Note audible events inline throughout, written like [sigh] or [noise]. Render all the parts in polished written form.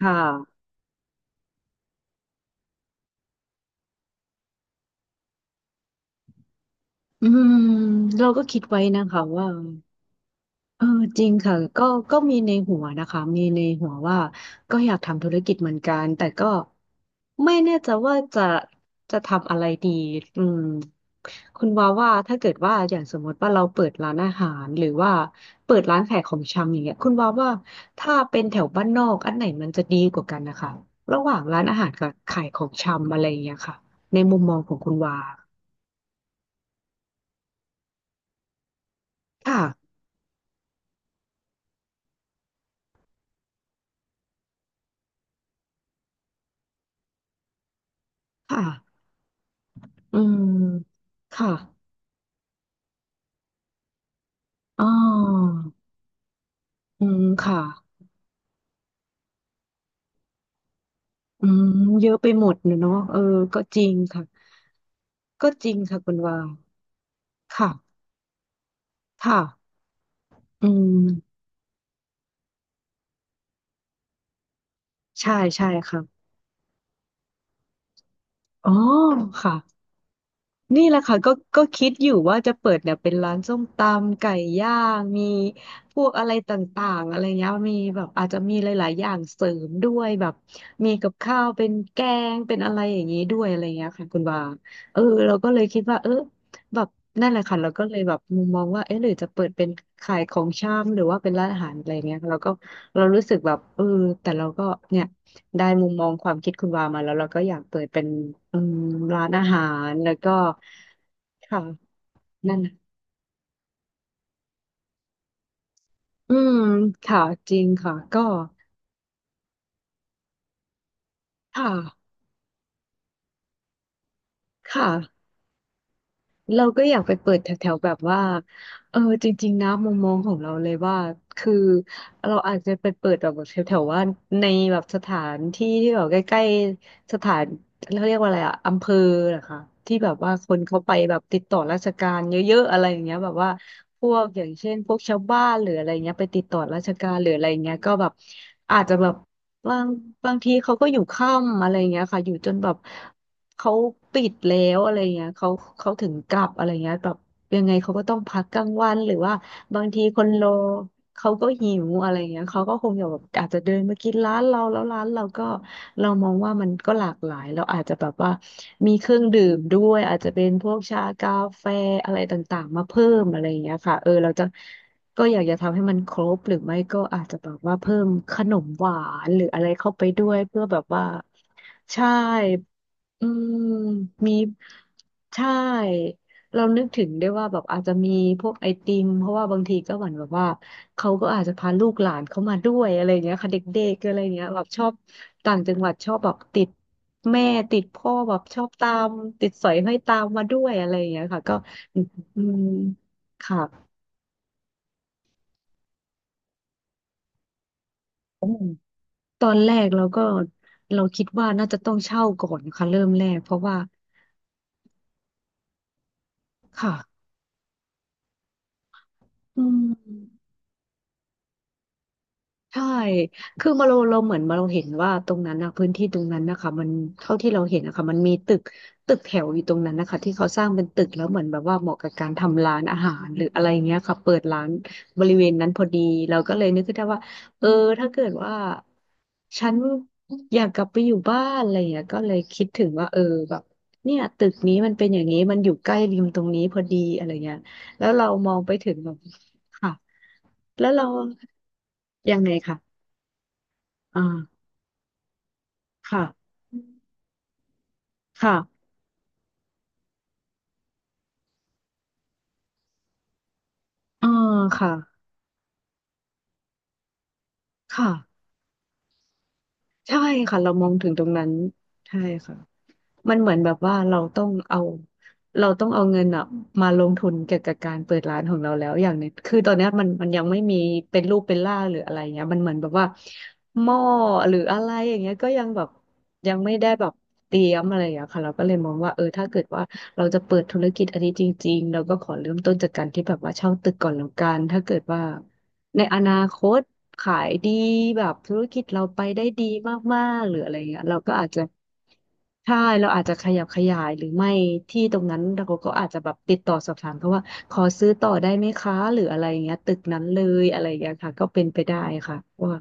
ค่ะอืมเราก็คิดไว้นะคะว่าเออจริงค่ะก็มีในหัวนะคะมีในหัวว่าก็อยากทำธุรกิจเหมือนกันแต่ก็ไม่แน่ใจว่าจะทำอะไรดีอืมคุณวาว่าถ้าเกิดว่าอย่างสมมติว่าเราเปิดร้านอาหารหรือว่าเปิดร้านขายของชำอย่างเงี้ยคุณวาว่าถ้าเป็นแถวบ้านนอกอันไหนมันจะดีกว่ากันนะคะระหว่างร้านอาหารกับขายของชำอะไรอย่างเงี้ยค่ะในมุมมองของคุณวาค่ะค่ะ อืม ค่ะอ๋ออืม ค่ะ อืม เยอะไปหมดเนอะ เออ ก็จริงค่ะ ก็จริงค่ะคุณวาค่ะ ค่ะ อืม ใช่ใช่ค่ะอ๋อค่ะ นี่แหละค่ะก็ก็คิดอยู่ว่าจะเปิดเนี่ยเป็นร้านส้มตำไก่ย่างมีพวกอะไรต่างๆอะไรเงี้ยมีแบบอาจจะมีหลายๆอย่างเสริมด้วยแบบมีกับข้าวเป็นแกงเป็นอะไรอย่างนี้ด้วยอะไรเงี้ยค่ะคุณว่าเออเราก็เลยคิดว่าเออแบบนั่นแหละค่ะเราก็เลยแบบมุมมองว่าหรือจะเปิดเป็นขายของชำหรือว่าเป็นร้านอาหารอะไรเงี้ยเราก็เรารู้สึกแบบแต่เราก็เนี่ย ได้มุมมองความคิดคุณวามาแล้วเราก็อยากเปิดเป็นอืมร้านอาหารแล้วก็ค่ะนั่นน่ะอืมค่ะจริงค่ะก็ค่ะค่ะ เราก็อยากไปเปิดแถวๆแบบว่าจริงๆนะมุมมองของเราเลยว่าคือเราอาจจะไปเปิดแบบแถวๆว่าในแบบสถานที่ที่แบบใกล้ๆสถานเราเรียกว่าอะไรอะอำเภอเหรอคะที่แบบว่าคนเขาไปแบบติดต่อราชการเยอะๆอะไรอย่างเงี้ยแบบว่าพวกอย่างเช่นพวกชาวบ้านหรืออะไรเงี้ยไปติดต่อราชการหรืออะไรเงี้ยก็แบบอาจจะแบบ บางบางทีเขาก็อยู่ค่ำอะไรเงี้ยค่ะอยู่จนแบบเขาปิดแล้วอะไรเงี้ยเขาถึงกลับอะไรเงี้ยแบบยังไงเขาก็ต้องพักกลางวันหรือว่าบางทีคนโลเขาก็หิวอะไรเงี้ยเขาก็คงอยู่แบบอาจจะเดินมากินร้านเราแล้วร้านเราก็เรามองว่ามันก็หลากหลายเราอาจจะแบบว่ามีเครื่องดื่มด้วยอาจจะเป็นพวกชากาแฟอะไรต่างๆมาเพิ่มอะไรเงี้ยค่ะเราจะ ก็อยากจะทำให้มันครบหรือไม่ก็อาจจะแบบว่าเพิ่มขนมหวานหรืออะไรเข้าไปด้วยเพื่อแบบว่าใช่อืมมีใช่เรานึกถึงได้ว่าแบบอาจจะมีพวกไอติมเพราะว่าบางทีก็เหมือนแบบว่าเขาก็อาจจะพาลูกหลานเขามาด้วยอะไรเงี้ยค่ะเด็กๆอะไรเงี้ยแบบชอบต่างจังหวัดชอบแบบติดแม่ติดพ่อแบบชอบตามติดสอยห้อยตามมาด้วยอะไรเงี้ยค่ะก็อืมค่ะ ตอนแรกเราก็เราคิดว่าน่าจะต้องเช่าก่อนค่ะเริ่มแรกเพราะว่าค่ะอืม ใช่ คือมาเราเราเหมือนมาเราเห็นว่าตรงนั้นนะพื้นที่ตรงนั้นนะคะมันเท่าที่เราเห็นนะคะมันมีตึกแถวอยู่ตรงนั้นนะคะที่เขาสร้างเป็นตึกแล้วเหมือนแบบว่าเหมาะกับการทำร้านอาหารหรืออะไรเงี้ยค่ะเปิดร้านบริเวณนั้นพอดีเราก็เลยนึกขึ้นได้ว่าเออถ้าเกิดว่าฉันอยากกลับไปอยู่บ้านอะไรเงี้ยก็เลยคิดถึงว่าเออแบบเนี่ยตึกนี้มันเป็นอย่างนี้มันอยู่ใกล้ริมตรงนี้พอดีอะไรเงี้ยแล้วเรามองไปถึงแบบค่ะแล้วเรายังไงคะ อ่าค่ะค่ะเอ่าค่ะค่ะใช่ค่ะเรามองถึงตรงนั้นใช่ค่ะมันเหมือนแบบว่าเราต้องเอาเราต้องเอาเงินอะมาลงทุนเกี่ยวกับการเปิดร้านของเราแล้วอย่างหนึงคือตอนเนี้ยมันยังไม่มีเป็นรูปเป็นร่างหรืออะไรเงี้ยมันเหมือนแบบว่าหม้อหรืออะไรอย่างเงี้ยก็ยังแบบยังไม่ได้แบบเตรียมอะไรอย่างเงี้ยค่ะเราก็เลยมองว่าถ้าเกิดว่าเราจะเปิดธุรกิจอันนี้จริงๆเราก็ขอเริ่มต้นจากการที่แบบว่าเช่าตึกก่อนแล้วกันถ้าเกิดว่า ในอนาคตขายดีแบบธุรกิจเราไปได้ดีมากๆหรืออะไรเงี้ยเราก็อาจจะใช่เราอาจจะขยับขยายหรือไม่ที่ตรงนั้นเราก็อาจจะแบบติดต่อสอบถามเขาว่าขอซื้อต่อได้ไหมคะหรืออะไรเงี้ยตึกนั้นเลยอะไรเงี้ยค่ะก็เป็นไปได้ค่ะว่า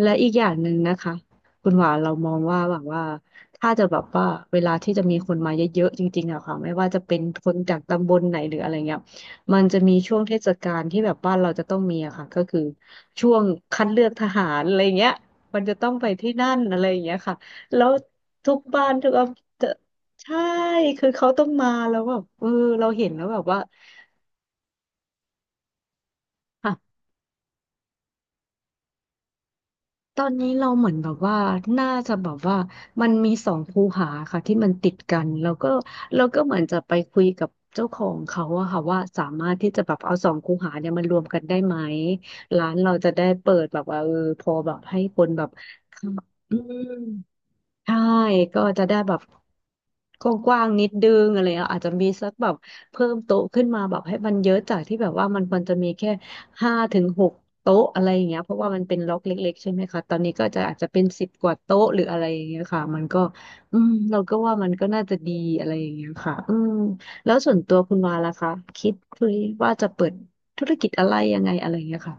และอีกอย่างหนึ่งนะคะคุณหวานเรามองว่าแบบว่าถ้าจะแบบว่าเวลาที่จะมีคนมาเยอะๆจริงๆอะค่ะไม่ว่าจะเป็นคนจากตำบลไหนหรืออะไรเงี้ย มันจะมีช่วงเทศกาลที่แบบบ้านเราจะต้องมีอะค่ะก็คือช่วงคัดเลือกทหารอะไรเงี้ยมันจะต้องไปที่นั่นอะไรอย่างเงี้ยค่ะแล้วทุกบ้านทุกอำเภอใช่คือเขาต้องมาแล้วแบบเออเราเห็นแล้วแบบว่า ตอนนี้เราเหมือนแบบว่าน่าจะแบบว่ามันมีสองคูหาค่ะที่มันติดกันแล้วก็เราก็เหมือนจะไปคุยกับเจ้าของเขาอะค่ะว่าสามารถที่จะแบบเอาสองคูหาเนี่ยมันรวมกันได้ไหมร้านเราจะได้เปิดแบบว่าเออพอแบบให้คนแบบอืม ใช่ก็จะได้แบบกว้างๆนิดนึงอะไรอาเงี้ยอาจจะมีสักแบบเพิ่มโต๊ะขึ้นมาแบบให้มันเยอะจากที่แบบว่ามันควรจะมีแค่ห้าถึงหกโต๊ะอะไรอย่างเงี้ยเพราะว่ามันเป็นล็อกเล็กๆใช่ไหมคะตอนนี้ก็จะอาจจะเป็นสิบกว่าโต๊ะหรืออะไรอย่างเงี้ยค่ะมันก็อืมเราก็ว่ามันก็น่าจะดีอะไรอย่างเงี้ยค่ะอืมแล้วส่วนตัวคุณวาล่ะคะคิดคว่าจะเปิดธุรกิจอะไรยังไงอะไรอย่างเงี้ยค่ะ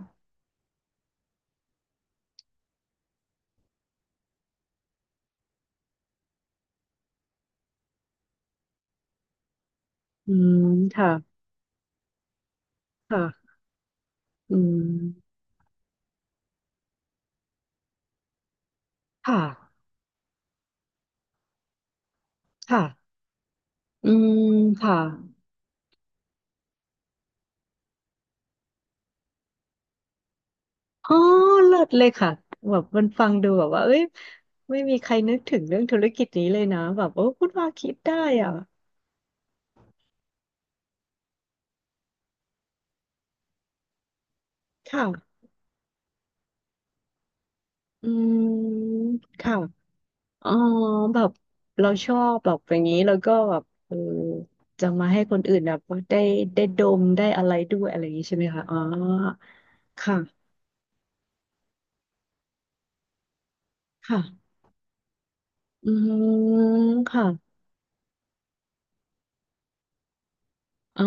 อืมค่ะค่ะอืมค่ะค่ะอืมค่ะ อ๋อเลิศเลยค่ะแบบมันฟังดูแบบว่าเอ้ยไม่มีใครนึกถึงเรื่องธุรกิจนี้เลยนะแบบโอ้คุณว่าคิดได้อ่ะค่ะอืมค่ะอ๋อแบบเราชอบแบบอย่างนี้แล้วก็แบบเออจะมาให้คนอื่นแบบได้ได้ดมได้อะไรด้วยอะไรอย่างนี้ใช่ไหมคะอ๋อค่ะค่ะอืมค่ะอ๋อ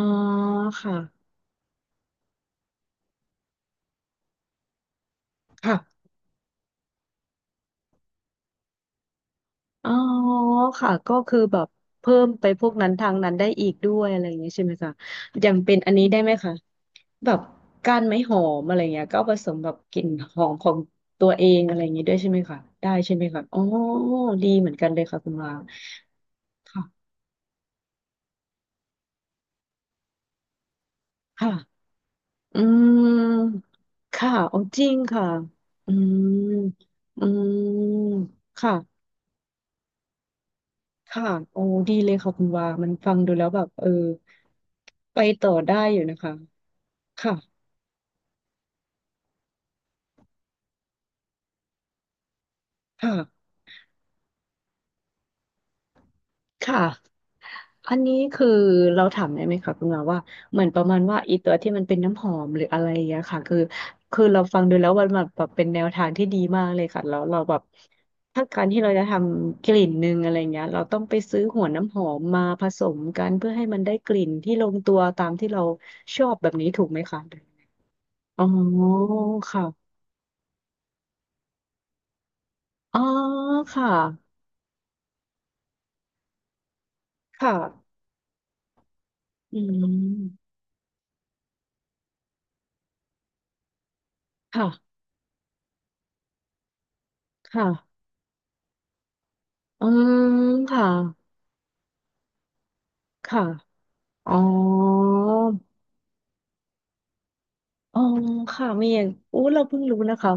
ค่ะค่ะ อ๋อค่ะก็คือแบบเพิ่มไปพวกนั้นทางนั้นได้อีกด้วยอะไรอย่างเงี้ยใช่ไหมคะอย่างเป็นอันนี้ได้ไหมคะแบบก้านไม้หอมอะไรเงี้ยก็ผสมแบบกลิ่นหอมของตัวเองอะไรอย่างงี้ด้วยใช่ไหมคะได้ใช่ไหมคะอ๋อดีเหมือนกันเลยค่ะคุณวาค่ะค่ะอืมค่ะอ๋อจริงค่ะอืมอืมค่ะค่ะโอ้ดีเลยค่ะคุณวามันฟังดูแล้วแบบเออไปต่อได้อยู่นะคะ ค่ะค่ะ ค่ะ อันนี้คือเราถามได้ไหมคะคุณมาว่าเหมือนประมาณว่าอีตัวที่มันเป็นน้ำหอมหรืออะไรอย่างเงี้ยค่ะคือคือเราฟังดูแล้วมันแบบเป็นแนวทางที่ดีมากเลยค่ะแล้วเราแบบถ้าการที่เราจะทำกลิ่นหนึ่งอะไรเงี้ยเราต้องไปซื้อหัวน้ำหอมมาผสมกันเพื่อให้มันได้กลิ่นที่ลงตัวตามที่เราชอบแบบนี้ถูกไหมคะอ๋อค่ะอ๋อค่ะค่ะอืมค่ะค่ะอืมค่ะ ค่ะ อ๋อ อ๋อ ค่ะมีอย่างอู้เราเพิ่งรู้นะคะ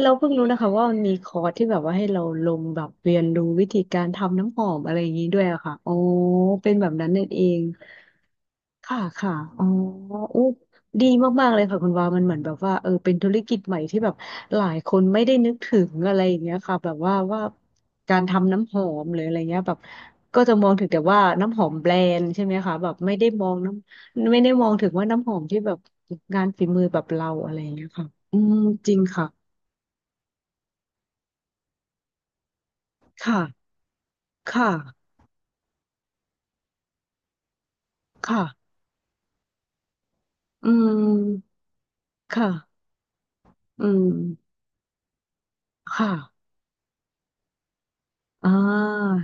เราเพิ่งรู้นะคะว่ามันมีคอร์สที่แบบว่าให้เราลงแบบเรียนรู้วิธีการทำน้ำหอมอะไรอย่างนี้ด้วยอะค่ะ อ๋อ เป็นแบบนั้นนั่นเอง ค่ะค่ะ อ๋ออู้ดีมากๆเลยค่ะคุณวามันเหมือนแบบว่าเออเป็นธุรกิจใหม่ที่แบบหลายคนไม่ได้นึกถึงอะไรอย่างเงี้ยค่ะแบบว่าการทำน้ำหอมหรืออะไรเงี้ยแบบก็จะมองถึงแต่ว่าน้ำหอมแบรนด์ใช่ไหมคะแบบไม่ได้มองน้ำไม่ได้มองถึงว่าน้ำหอมที่แบบงานฝีมือแบบเราอะไรอย่างเงี้ยค่ะอืมจริงค่ะค่ะค่ะค่ะอืมค่ะอืมค่ะอ่า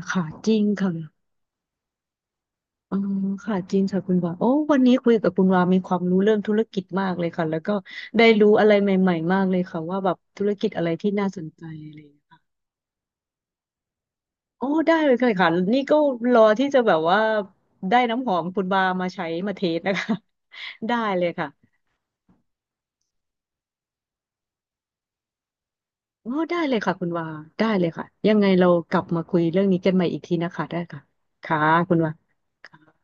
ค่ะจริงค่ะ อ๋อค่ะจริงค่ะคุณวาโอ้วันนี้คุยกับคุณวามีความรู้เรื่องธุรกิจมากเลยค่ะแล้วก็ได้รู้อะไรใหม่ๆมากเลยค่ะว่าแบบธุรกิจอะไรที่น่าสนใจอะไรอย่างเงี้ยค่ะโอ๋ได้เลยค่ะค่ะนี่ก็รอที่จะแบบว่าได้น้ำหอมคุณวามาใช้มาเทสนะคะ [laughs] ได้เลยค่ะโอ้ได้เลยค่ะคุณวาได้เลยค่ะยังไงเรากลับมาคุยเรื่องนี้กันใหม่อีกทีนะคะได้ค่ะค่ะคุณวาค่ะ